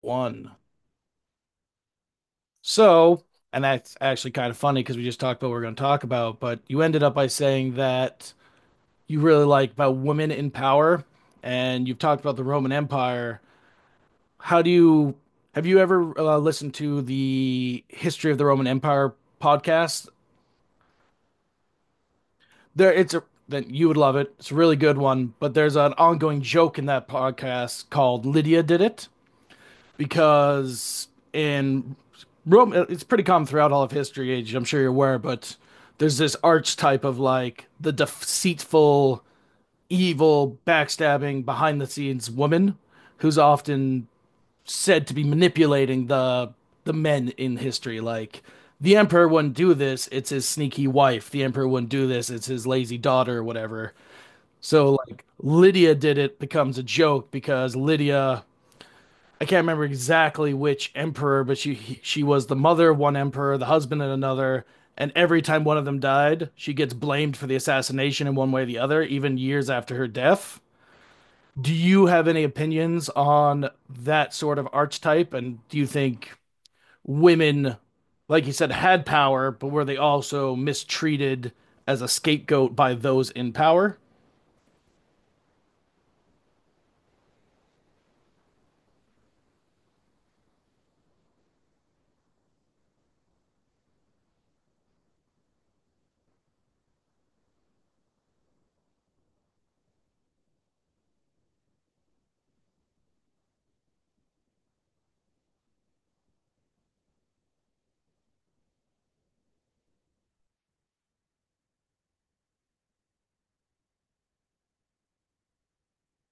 One. So, and that's actually kind of funny because we just talked about what we're going to talk about, but you ended up by saying that you really like about women in power and you've talked about the Roman Empire. How do you have you ever listened to the History of the Roman Empire podcast? There it's a then you would love it. It's a really good one, but there's an ongoing joke in that podcast called Lydia Did It, because in Rome, it's pretty common throughout all of history. Age, I'm sure you're aware, but there's this archetype of like the deceitful, evil, backstabbing, behind the scenes woman who's often said to be manipulating the men in history. Like the emperor wouldn't do this; it's his sneaky wife. The emperor wouldn't do this; it's his lazy daughter, or whatever. So like Lydia did it becomes a joke because Lydia I can't remember exactly which emperor, but she was the mother of one emperor, the husband of another, and every time one of them died, she gets blamed for the assassination in one way or the other, even years after her death. Do you have any opinions on that sort of archetype, and do you think women, like you said, had power, but were they also mistreated as a scapegoat by those in power?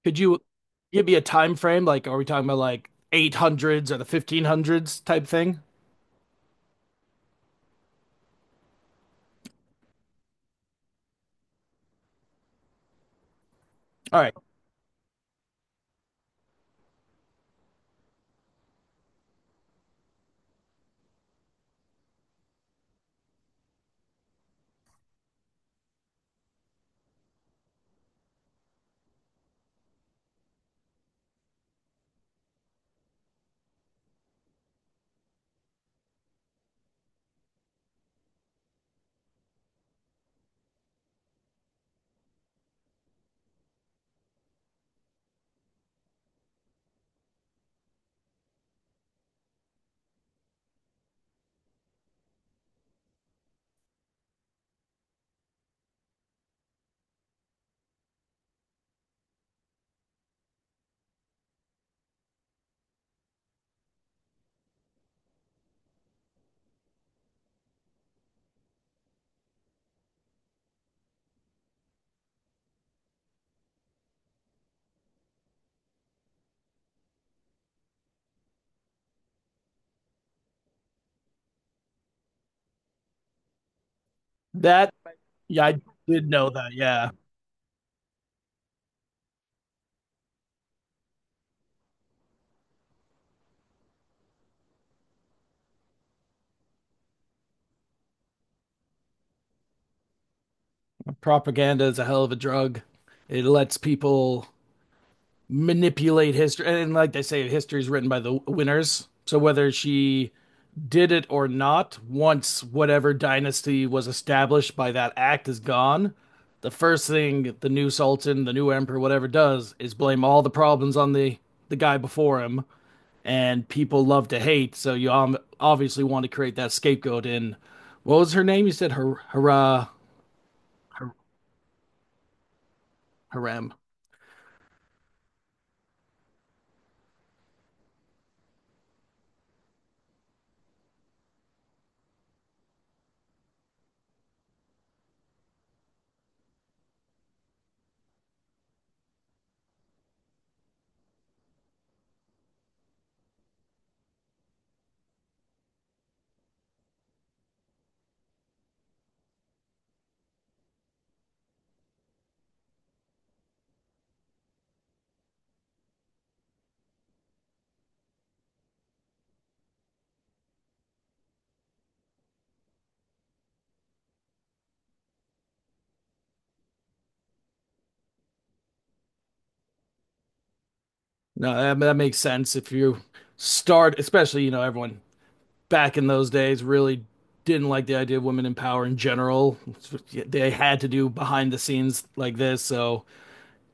Could you give me a time frame? Like, are we talking about like 800s or the 1500s type thing? All right. That, yeah, I did know that. Yeah. Propaganda is a hell of a drug. It lets people manipulate history. And like they say, history is written by the winners. So whether she did it or not, once whatever dynasty was established by that act is gone, the first thing the new sultan, the new emperor, whatever does is blame all the problems on the guy before him and people love to hate. So you obviously want to create that scapegoat. And what was her name? You said her, harem. No, that makes sense. If you start, especially, you know, everyone back in those days really didn't like the idea of women in power in general. They had to do behind the scenes like this. So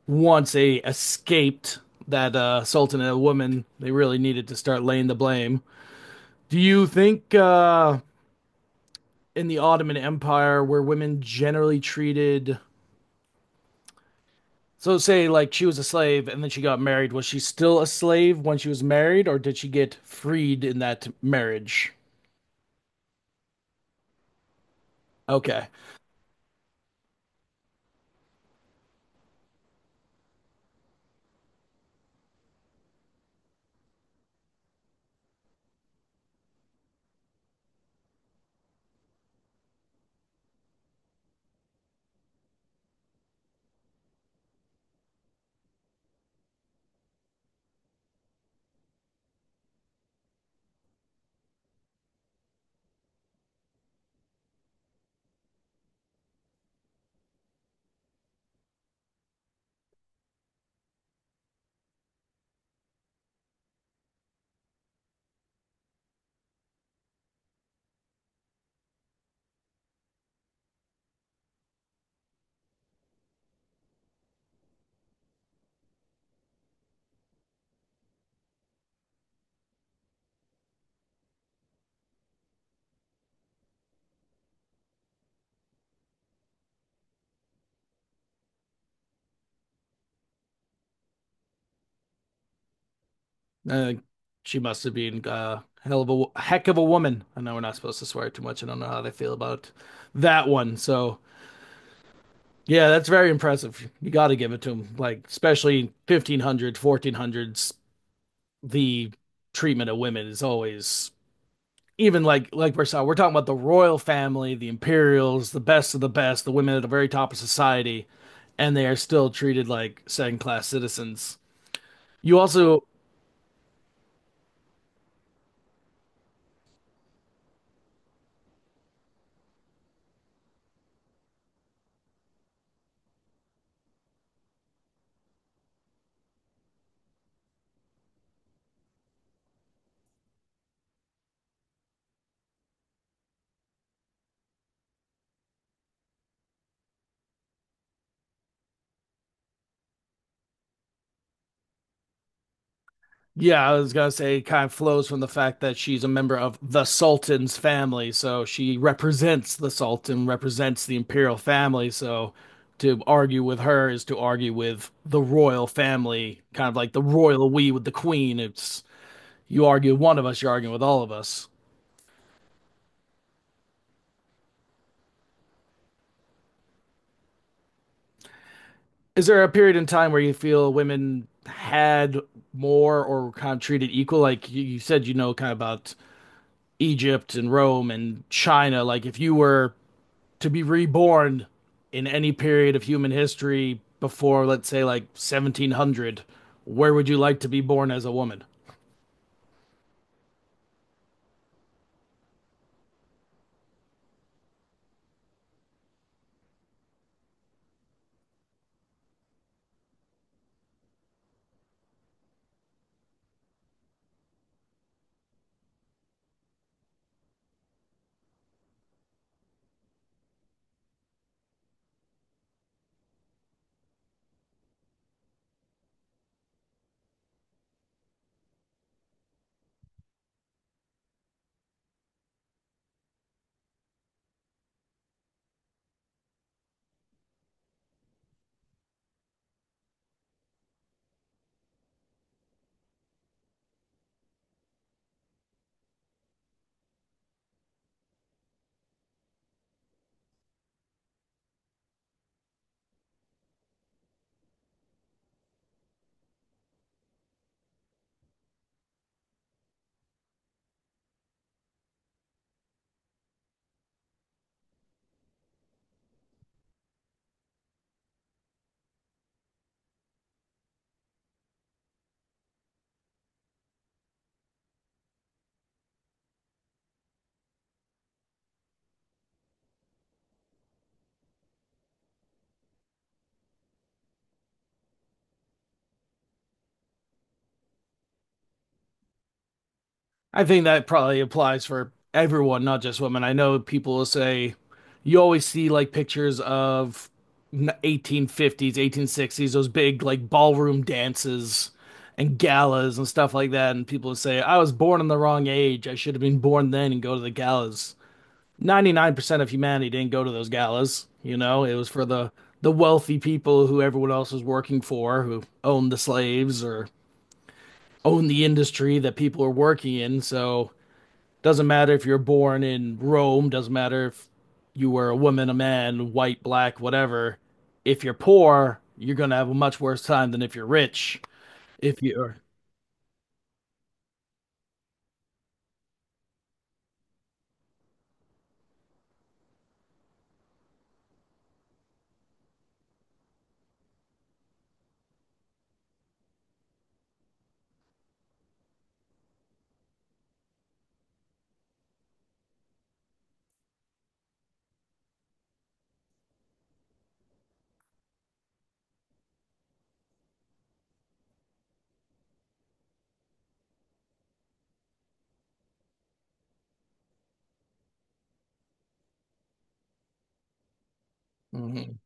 once they escaped that sultan and a woman, they really needed to start laying the blame. Do you think in the Ottoman Empire were women generally treated, so say like she was a slave and then she got married, was she still a slave when she was married, or did she get freed in that marriage? Okay. uh, she must have been a hell of a heck of a woman. I know we're not supposed to swear too much. I don't know how they feel about that one, so yeah, that's very impressive. You got to give it to them, like especially 1500s, 1400s, the treatment of women is always even like Versailles. We're talking about the royal family, the imperials, the best of the best, the women at the very top of society, and they are still treated like second class citizens. You also, yeah, I was gonna say, it kind of flows from the fact that she's a member of the Sultan's family, so she represents the Sultan, represents the imperial family. So to argue with her is to argue with the royal family, kind of like the royal we with the queen. It's you argue with one of us, you're arguing with all of us. Is there a period in time where you feel women had more or were kind of treated equal? Like you said, you know, kind of about Egypt and Rome and China. Like if you were to be reborn in any period of human history before, let's say, like 1700, where would you like to be born as a woman? I think that probably applies for everyone, not just women. I know people will say you always see like pictures of 1850s, 1860s, those big like ballroom dances and galas and stuff like that. And people will say, I was born in the wrong age. I should have been born then and go to the galas. 99% of humanity didn't go to those galas. You know, it was for the wealthy people who everyone else was working for, who owned the slaves or owned the industry that people were working in. So doesn't matter if you're born in Rome, doesn't matter if you were a woman, a man, white, black, whatever. If you're poor, you're going to have a much worse time than if you're rich. If you're Mhm.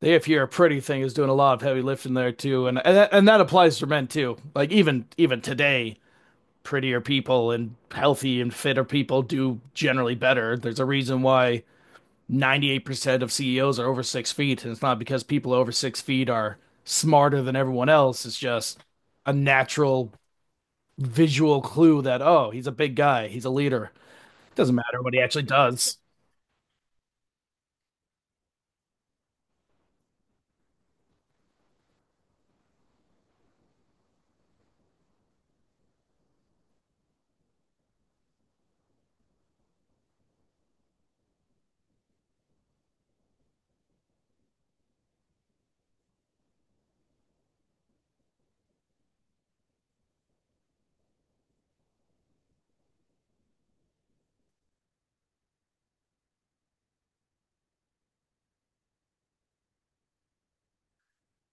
If you're a pretty thing is doing a lot of heavy lifting there too, and and that applies to men too. Like even today, prettier people and healthy and fitter people do generally better. There's a reason why 98% of CEOs are over 6 feet. And it's not because people over 6 feet are smarter than everyone else. It's just a natural visual clue that, oh, he's a big guy. He's a leader. It doesn't matter what he actually does.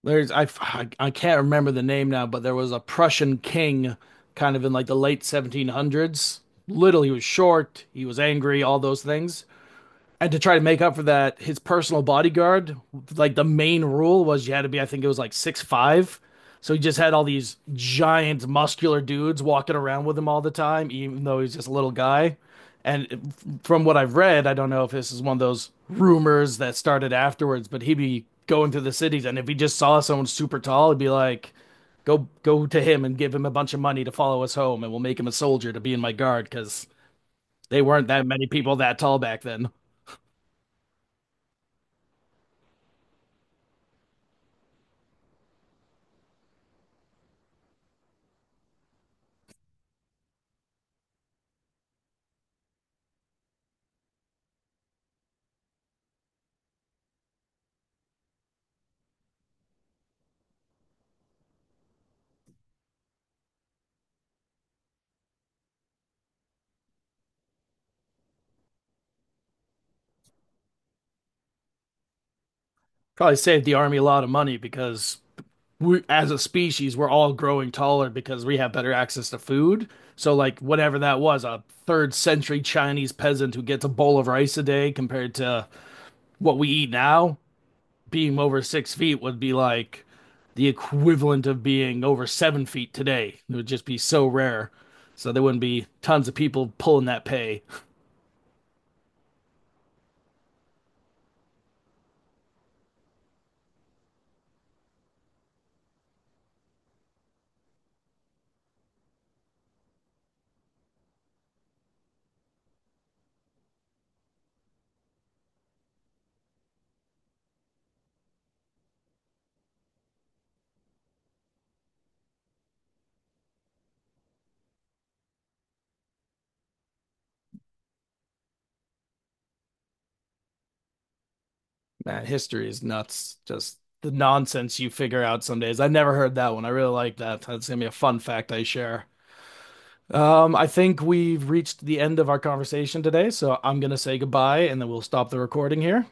There's, I can't remember the name now, but there was a Prussian king kind of in like the late 1700s. Little, he was short, he was angry, all those things. And to try to make up for that, his personal bodyguard, like the main rule was you had to be, I think it was like 6'5". So he just had all these giant muscular dudes walking around with him all the time, even though he's just a little guy. And from what I've read, I don't know if this is one of those rumors that started afterwards, but he'd be going through the cities, and if he just saw someone super tall, he'd be like, "Go, go to him and give him a bunch of money to follow us home, and we'll make him a soldier to be in my guard." Because they weren't that many people that tall back then. Probably saved the army a lot of money because we, as a species, we're all growing taller because we have better access to food. So, like, whatever that was, a third century Chinese peasant who gets a bowl of rice a day compared to what we eat now, being over 6 feet would be like the equivalent of being over 7 feet today. It would just be so rare. So, there wouldn't be tons of people pulling that pay. Man, history is nuts. Just the nonsense you figure out some days. I never heard that one. I really like that. That's gonna be a fun fact I share. I think we've reached the end of our conversation today, so I'm gonna say goodbye and then we'll stop the recording here.